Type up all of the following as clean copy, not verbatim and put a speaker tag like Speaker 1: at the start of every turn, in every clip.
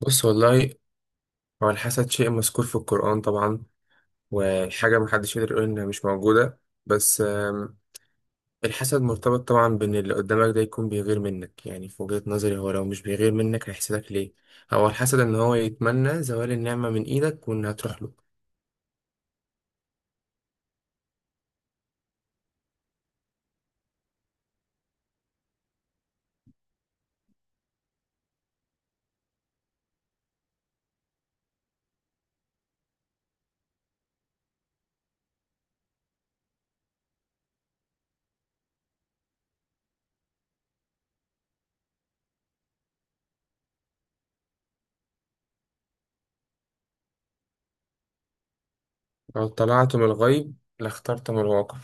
Speaker 1: بص والله، هو الحسد شيء مذكور في القرآن طبعا، وحاجة محدش يقدر يقول إنها مش موجودة، بس الحسد مرتبط طبعا بإن اللي قدامك ده يكون بيغير منك. يعني في وجهة نظري، هو لو مش بيغير منك هيحسدك ليه؟ هو الحسد إن هو يتمنى زوال النعمة من إيدك وإنها تروح له. لو طلعت من الغيب لاخترت من الواقع.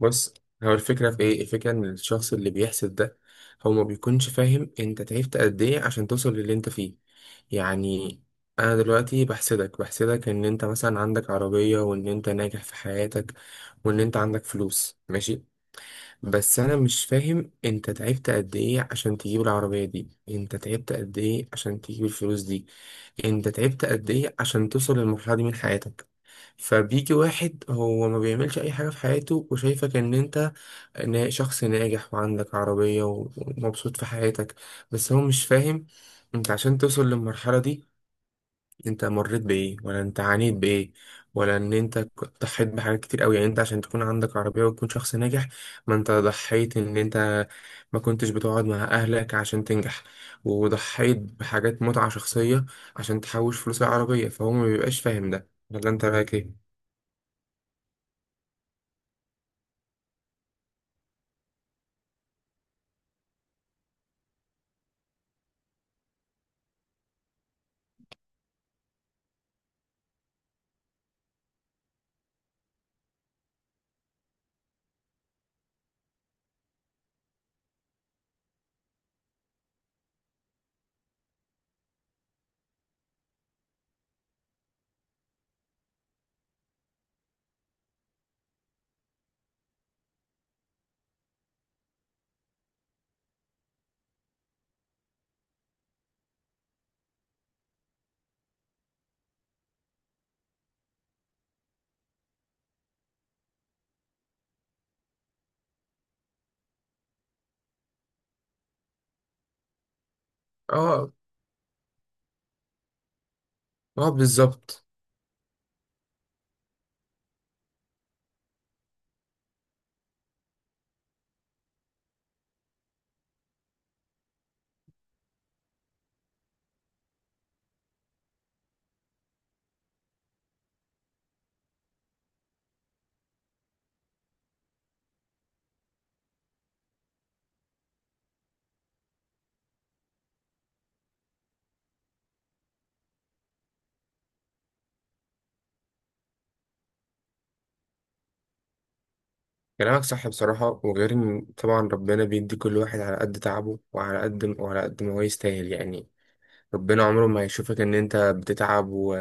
Speaker 1: بص، هو الفكرة في ايه؟ الفكرة ان الشخص اللي بيحسد ده هو ما بيكونش فاهم انت تعبت قد ايه عشان توصل للي انت فيه. يعني انا دلوقتي بحسدك ان انت مثلا عندك عربية، وان انت ناجح في حياتك، وان انت عندك فلوس، ماشي. بس انا مش فاهم انت تعبت قد ايه عشان تجيب العربية دي، انت تعبت قد ايه عشان تجيب الفلوس دي، انت تعبت قد ايه عشان توصل للمرحلة دي من حياتك. فبيجي واحد هو ما بيعملش اي حاجة في حياته وشايفك ان انت شخص ناجح وعندك عربية ومبسوط في حياتك، بس هو مش فاهم. انت عشان توصل للمرحلة دي انت مريت بإيه، ولا انت عانيت بإيه، ولا ان انت ضحيت بحاجات كتير قوي، يعني انت عشان تكون عندك عربية وتكون شخص ناجح، ما انت ضحيت ان انت ما كنتش بتقعد مع اهلك عشان تنجح، وضحيت بحاجات متعة شخصية عشان تحوش فلوس العربية، فهو ما بيبقاش فاهم ده، ولا انت رايك ايه؟ اه. اه، بالظبط. كلامك صح بصراحة، وغير إن طبعا ربنا بيدي كل واحد على قد تعبه وعلى قد ما هو يستاهل. يعني ربنا عمره ما هيشوفك ان انت بتتعب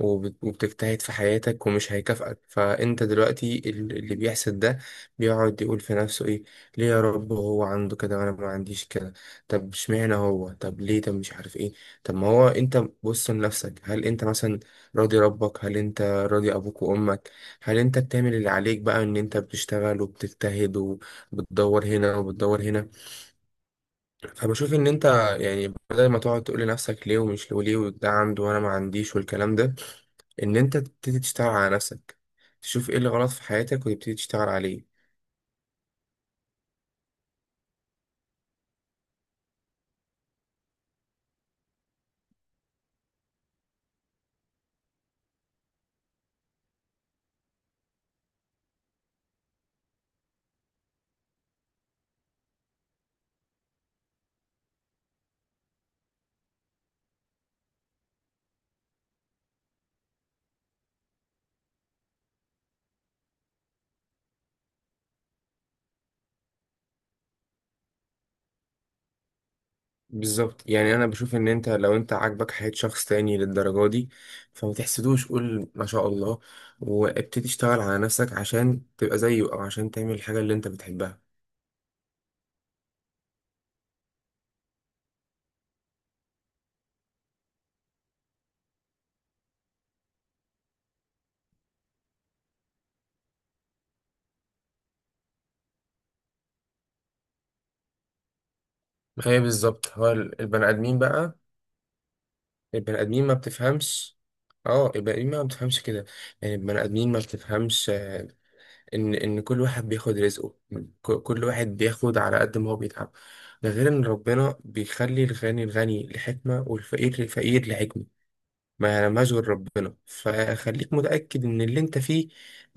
Speaker 1: وبتجتهد في حياتك ومش هيكافئك. فانت دلوقتي اللي بيحسد ده بيقعد يقول في نفسه ايه، ليه يا رب هو عنده كده وانا ما عنديش كده؟ طب اشمعنى هو، طب ليه، طب مش عارف ايه، طب ما هو انت بص لنفسك. هل انت مثلا راضي ربك؟ هل انت راضي ابوك وامك؟ هل انت بتعمل اللي عليك بقى، ان انت بتشتغل وبتجتهد وبتدور هنا وبتدور هنا؟ فبشوف ان انت، يعني بدل ما تقعد تقول لنفسك ليه ومش ليه وليه ده عنده وانا ما عنديش والكلام ده، ان انت تبتدي تشتغل على نفسك، تشوف ايه اللي غلط في حياتك وتبتدي تشتغل عليه. بالظبط. يعني انا بشوف ان انت لو انت عاجبك حياة شخص تاني للدرجة دي فما تحسدوش، قول ما شاء الله وابتدي تشتغل على نفسك عشان تبقى زيه، او عشان تعمل الحاجة اللي انت بتحبها. هي بالظبط. هو البني ادمين بقى. البني ادمين ما بتفهمش. اه، البني ادمين ما بتفهمش كده، يعني البني ادمين ما بتفهمش ان كل واحد بياخد رزقه، كل واحد بياخد على قد ما هو بيتعب. ده غير ان ربنا بيخلي الغني الغني لحكمة، والفقير الفقير لحكمة، ما يعلمهاش غير ربنا. فخليك متأكد ان اللي انت فيه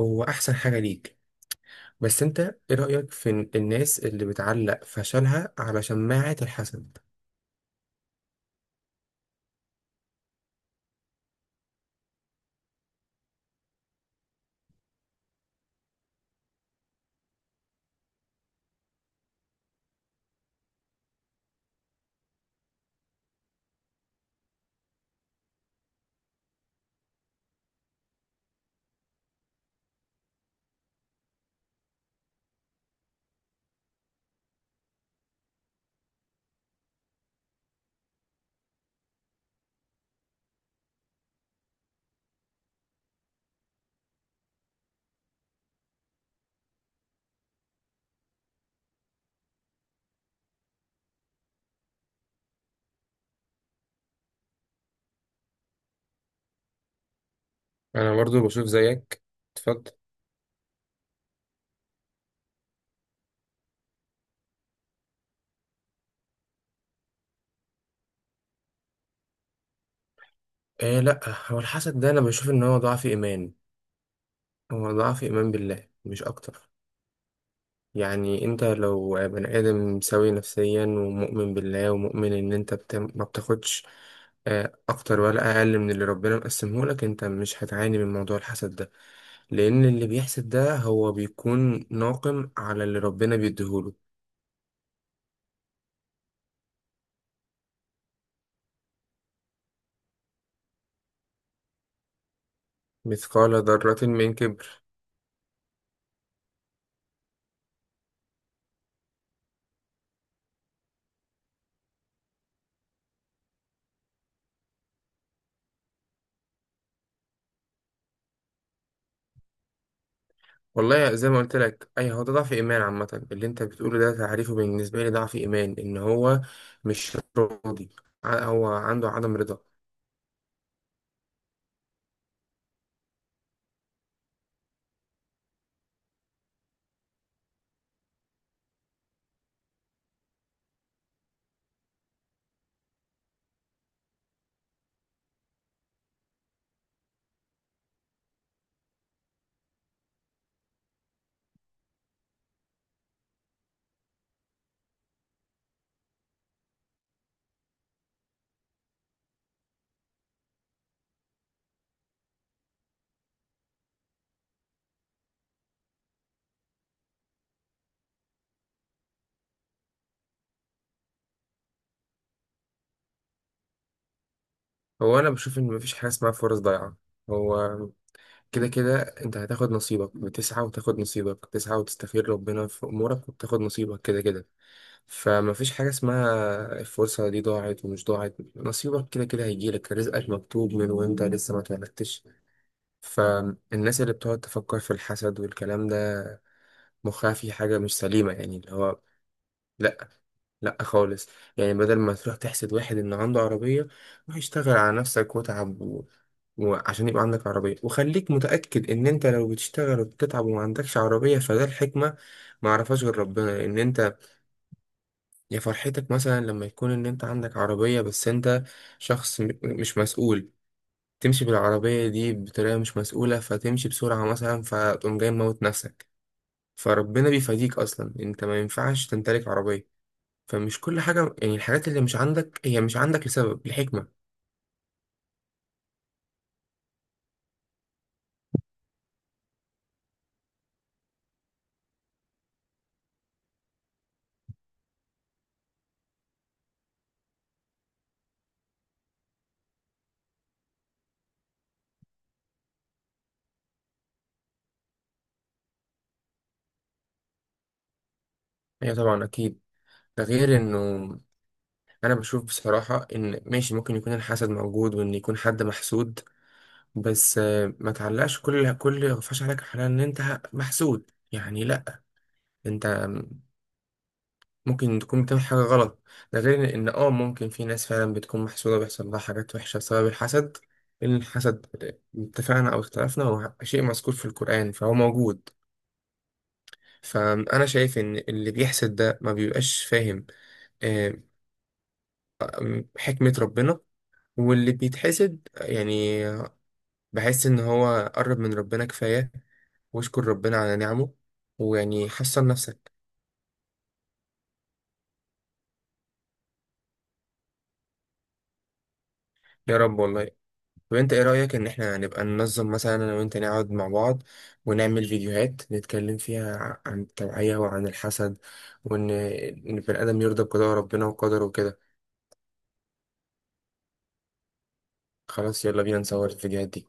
Speaker 1: هو احسن حاجة ليك. بس انت ايه رأيك في الناس اللي بتعلق فشلها على شماعة الحسد؟ انا برضو بشوف زيك. اتفضل. آه لا. هو الحسد ده انا بشوف ان هو ضعف ايمان، هو ضعف ايمان بالله مش اكتر. يعني انت لو بني ادم سوي نفسيا ومؤمن بالله ومؤمن ان انت ما بتاخدش اكتر ولا اقل من اللي ربنا مقسمه لك، انت مش هتعاني من موضوع الحسد ده، لان اللي بيحسد ده هو بيكون ناقم على اللي ربنا بيديهوله. مثقال ذرة من كبر. والله زي ما قلت لك، اي هو ده ضعف ايمان عامة. اللي انت بتقوله ده تعريفه بالنسبة لي ضعف ايمان، ان هو مش راضي، هو عنده عدم رضا. هو انا بشوف ان مفيش حاجه اسمها فرص ضايعه. هو كده كده انت هتاخد نصيبك، بتسعى وتاخد نصيبك، بتسعى وتستخير ربنا في امورك وبتاخد نصيبك كده كده. فمفيش حاجه اسمها الفرصه دي ضاعت ومش ضاعت، نصيبك كده كده هيجيلك، رزقك مكتوب من وانت لسه ما اتولدتش. فالناس اللي بتقعد تفكر في الحسد والكلام ده مخها في حاجه مش سليمه، يعني اللي هو لا، لا خالص. يعني بدل ما تروح تحسد واحد ان عنده عربية، روح اشتغل على نفسك وتعب وعشان يبقى عندك عربية. وخليك متأكد ان انت لو بتشتغل وبتتعب وما عندكش عربية فده الحكمة، ما عرفهاش غير ربنا. ان انت يا فرحتك مثلا لما يكون ان انت عندك عربية، بس انت شخص مش مسؤول، تمشي بالعربية دي بطريقة مش مسؤولة، فتمشي بسرعة مثلا فتقوم جاي موت نفسك، فربنا بيفاديك. اصلا انت ما ينفعش تمتلك عربية، فمش كل حاجة. يعني الحاجات اللي مش عندك هي مش عندك لسبب، لحكمة. هي طبعا أكيد. ده غير إنه أنا بشوف بصراحة إن ماشي ممكن يكون الحسد موجود، وإن يكون حد محسود، بس ما تعلقش كل غفاش عليك الحلال إن أنت محسود. يعني لأ، أنت ممكن تكون بتعمل حاجة غلط. ده غير إن آه، ممكن في ناس فعلا بتكون محسودة بيحصل لها حاجات وحشة بسبب الحسد، لأن الحسد اتفقنا أو اختلفنا، هو شيء مذكور في القرآن، فهو موجود. فأنا شايف إن اللي بيحسد ده ما بيبقاش فاهم آه، حكمة ربنا، واللي بيتحسد يعني بحس إن هو قرب من ربنا كفاية، واشكر ربنا على نعمه، ويعني حسن نفسك. يا رب، والله. طب انت ايه رأيك ان احنا نبقى ننظم، مثلا انا وانت نقعد مع بعض ونعمل فيديوهات نتكلم فيها عن التوعية وعن الحسد، وان ان البني ادم يرضى بقضاء ربنا وقدره وكده. خلاص، يلا بينا نصور الفيديوهات دي.